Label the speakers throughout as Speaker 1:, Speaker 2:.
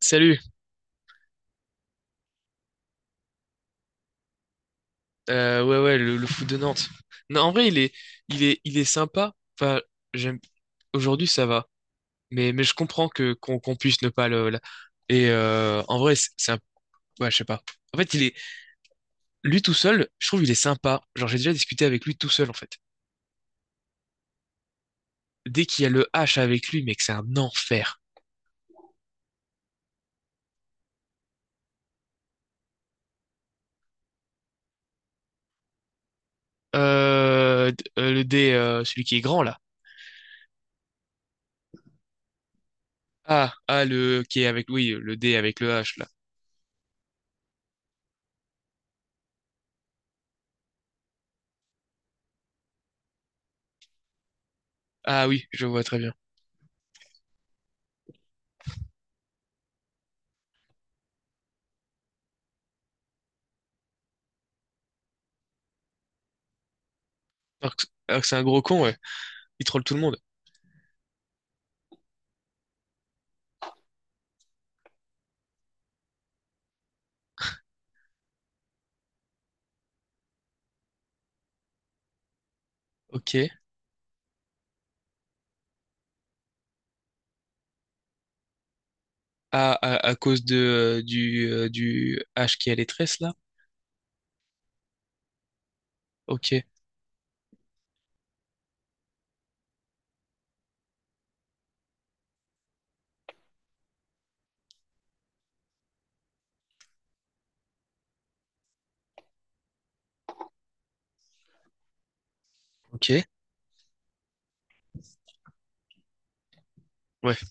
Speaker 1: Salut. Ouais, ouais, le foot de Nantes. Non, en vrai, il est sympa. Enfin, j'aime. Aujourd'hui, ça va. Mais je comprends que qu'on qu'on puisse ne pas le. Et en vrai, c'est un. Ouais, je sais pas. En fait, il est lui tout seul. Je trouve il est sympa. Genre, j'ai déjà discuté avec lui tout seul en fait. Dès qu'il y a le H avec lui, mec, c'est un enfer. Le D, celui qui est grand là. Ah, ah, le qui est avec, oui, le D avec le H là. Ah oui, je vois très bien. Alors que c'est un gros con, ouais. Il troll tout le monde. Ok. Ah, à cause de, du H qui a les tresses, là? Ok, ok. Ouais, très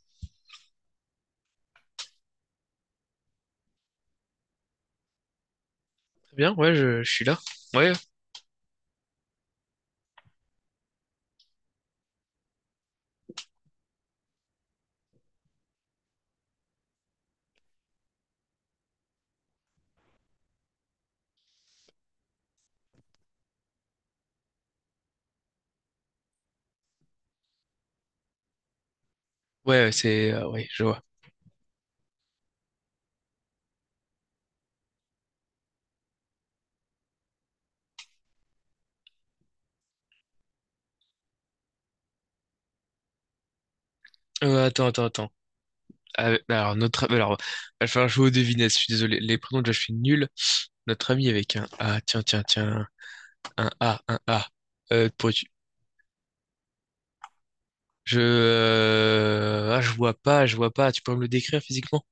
Speaker 1: bien, ouais, je suis là. Ouais, ouais, ouais, je vois. Attends, attends, attends. Ah, alors, Alors, il va falloir jouer aux devinettes, je suis désolé. Les prénoms, déjà, je suis nul. Notre ami avec un A, tiens, tiens, tiens. Un A. Euh, pourrais-tu- Ah, je vois pas, je vois pas. Tu peux me le décrire physiquement?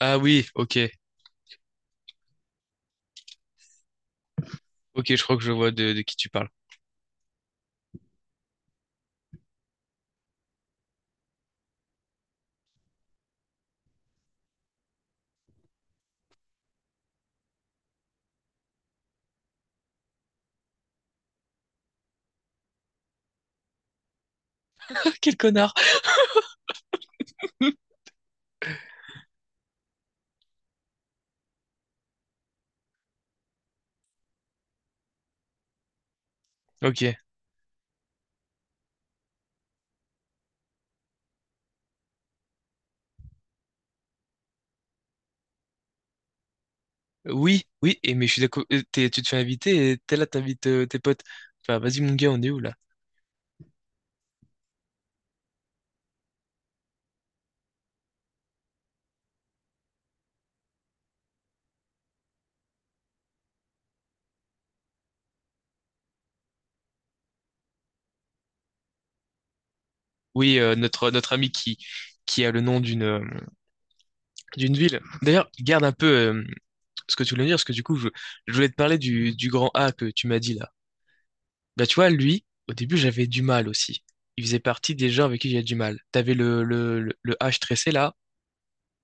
Speaker 1: Ah oui, ok. Ok, je crois que je vois de qui tu parles. Ah, quel connard. Ok. Oui, oui, et mais je suis d'accord. Tu te fais inviter et t'es là, t'invites tes potes. Enfin, vas-y, mon gars, on est où là? Oui, notre ami qui a le nom d'une ville. D'ailleurs, garde un peu ce que tu voulais me dire, parce que du coup, je voulais te parler du grand A que tu m'as dit là. Bah, tu vois, lui, au début, j'avais du mal aussi. Il faisait partie des gens avec qui j'avais du mal. T'avais le H tressé là,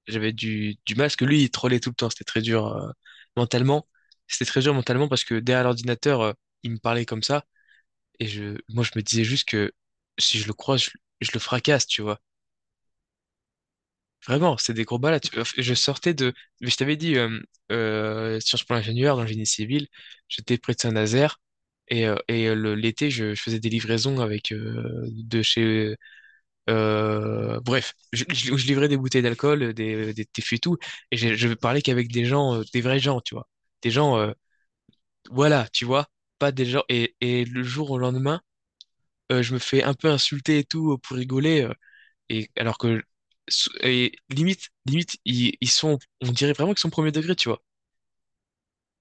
Speaker 1: j'avais du mal, parce que lui, il trollait tout le temps, c'était très dur mentalement. C'était très dur mentalement parce que derrière l'ordinateur, il me parlait comme ça, et moi, je me disais juste que si je le croise, je le fracasse, tu vois. Vraiment, c'est des gros balades. Enfin, Je sortais de. Mais je t'avais dit, Sciences Po ingénieur dans le génie civil, j'étais près de Saint-Nazaire. Et l'été, je faisais des livraisons avec de chez. Bref, je livrais des bouteilles d'alcool, des fûts et tout. Et je parlais qu'avec des gens, des vrais gens, tu vois. Des gens, voilà, tu vois. Pas des gens. Et le jour au lendemain, je me fais un peu insulter et tout pour rigoler. Et alors que et limite, ils sont, on dirait vraiment qu'ils sont premier degré, tu vois.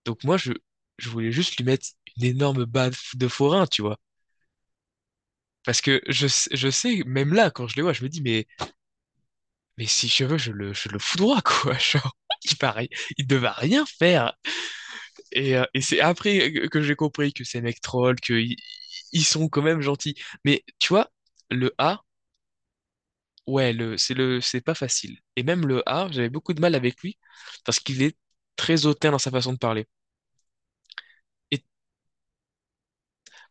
Speaker 1: Donc moi, je voulais juste lui mettre une énorme baffe de forain, tu vois. Parce que je sais, même là, quand je les vois, je me dis, mais si je veux, je le foudroie, quoi. Genre, il paraît, il ne va rien faire. Et c'est après que j'ai compris que ces mecs trollent, qu'ils ils sont quand même gentils. Mais tu vois, le A, ouais, c'est pas facile. Et même le A, j'avais beaucoup de mal avec lui parce qu'il est très hautain dans sa façon de parler. Et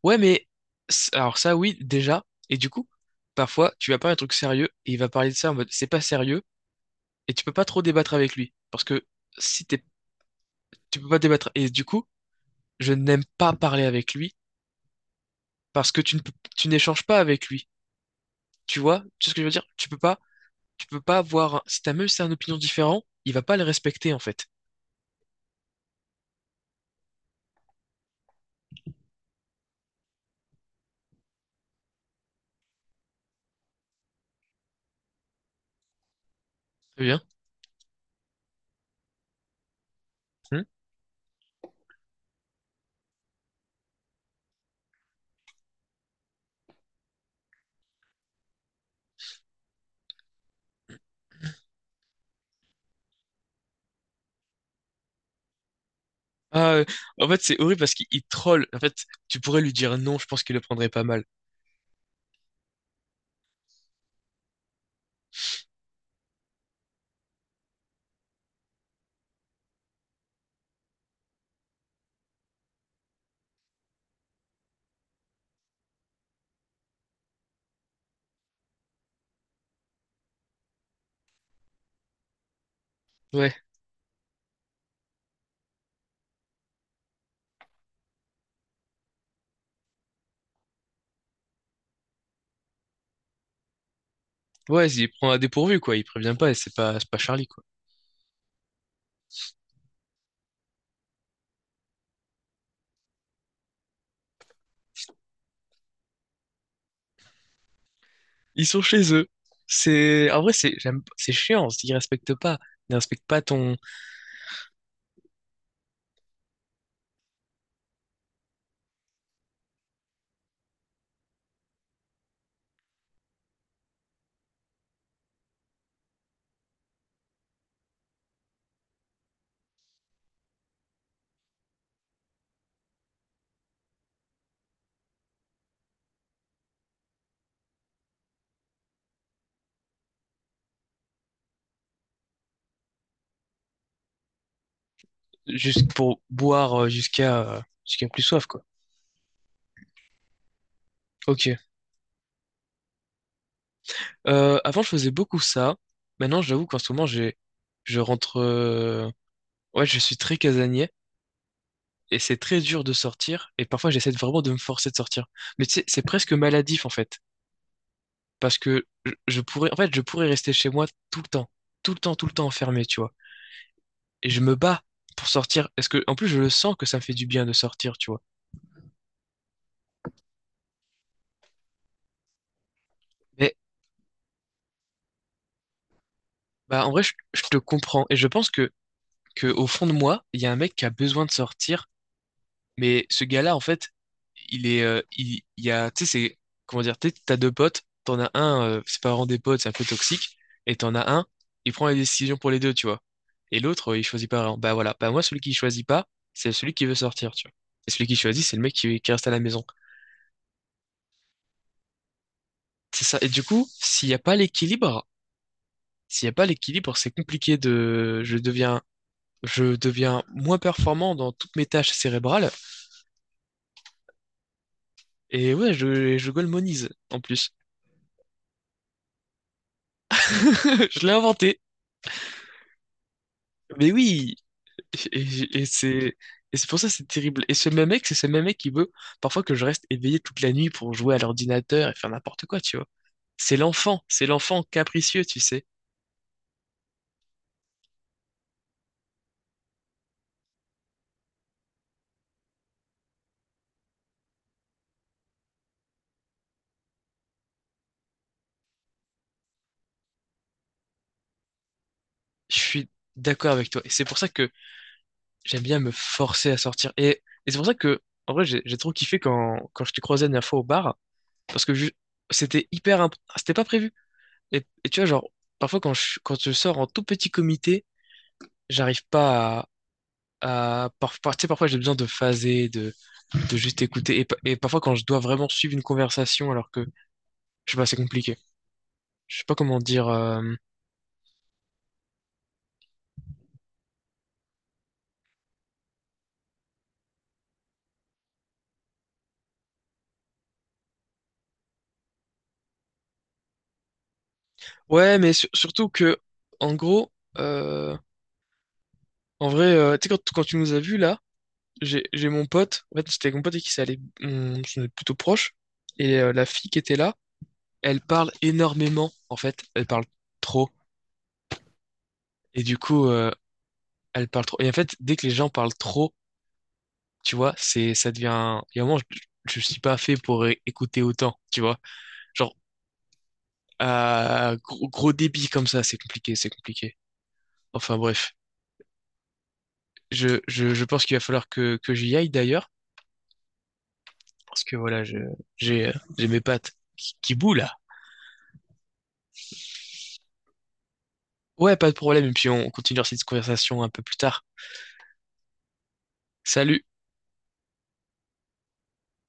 Speaker 1: ouais, mais alors ça, oui, déjà. Et du coup, parfois, tu vas parler un truc sérieux et il va parler de ça en mode c'est pas sérieux et tu peux pas trop débattre avec lui parce que si t'es, tu peux pas débattre. Et du coup, je n'aime pas parler avec lui parce que tu ne peux- tu n'échanges pas avec lui. Tu vois, tu sais ce que je veux dire? Tu peux pas avoir. Un- Si t'as même si t'as une opinion différente, il va pas le respecter en fait. Très bien. Ah, en fait, c'est horrible parce qu'il il troll. En fait, tu pourrais lui dire non, je pense qu'il le prendrait pas mal. Ouais, ouais, il prend à dépourvu, quoi. Il prévient pas et c'est pas, Charlie, quoi. Ils sont chez eux. C'est, en vrai, c'est chiant. Ils respectent pas. Ils respectent pas ton, juste pour boire jusqu'à plus soif, quoi. Ok. Avant, je faisais beaucoup ça. Maintenant, j'avoue qu'en ce moment, je rentre, ouais, je suis très casanier. Et c'est très dur de sortir, et parfois vraiment de me forcer de sortir. Mais tu sais, c'est presque maladif en fait. Parce que je pourrais, en fait, je pourrais rester chez moi tout le temps, tout le temps, tout le temps enfermé, tu vois. Et je me bats pour sortir, parce que, en plus, je le sens que ça me fait du bien de sortir, tu vois. Mais, bah, en vrai, je te comprends, et je pense que, au fond de moi, il y a un mec qui a besoin de sortir. Mais ce gars-là, en fait, il y a, tu sais, c'est, comment dire, tu sais, t'as deux potes, t'en as un, c'est pas vraiment des potes, c'est un peu toxique, et t'en as un, il prend les décisions pour les deux, tu vois. Et l'autre, il choisit pas vraiment. Bah voilà, bah moi, celui qui choisit pas, c'est celui qui veut sortir, tu vois. Et celui qui choisit, c'est le mec qui reste à la maison. C'est ça. Et du coup, s'il n'y a pas l'équilibre, s'il n'y a pas l'équilibre, c'est compliqué de, je deviens moins performant dans toutes mes tâches cérébrales. Et ouais, je golemonise, en plus. Je l'ai inventé. Mais oui, et, et- et c'est c'est pour ça que c'est terrible. Et ce même mec, c'est ce même mec qui veut parfois que je reste éveillé toute la nuit pour jouer à l'ordinateur et faire n'importe quoi, tu vois. C'est l'enfant capricieux, tu sais. Je suis d'accord avec toi. Et c'est pour ça que j'aime bien me forcer à sortir. Et c'est pour ça que, en vrai, j'ai trop kiffé quand je te croisais la dernière fois au bar, parce que c'était hyper, c'était pas prévu. Et tu vois, genre, parfois quand je sors en tout petit comité, j'arrive pas tu sais, parfois j'ai besoin de phaser, de juste écouter. Et parfois, quand je dois vraiment suivre une conversation, alors que, je sais pas, c'est compliqué. Je sais pas comment dire. Ouais, mais surtout que, en gros, euh, en vrai, tu sais, quand tu nous as vus là, j'ai mon pote, en fait, c'était mon pote et qui s'est allé, on est plutôt proche, et la fille qui était là, elle parle énormément, en fait, elle parle trop. Et du coup, elle parle trop. Et en fait, dès que les gens parlent trop, tu vois, ça devient. Il y a un moment, je suis pas fait pour écouter autant, tu vois. Genre, à gros, gros débit comme ça, c'est compliqué, c'est compliqué. Enfin bref, je pense qu'il va falloir que j'y aille d'ailleurs, parce que voilà, j'ai mes pattes qui bouent là. Ouais, pas de problème, et puis on continue cette conversation un peu plus tard. Salut!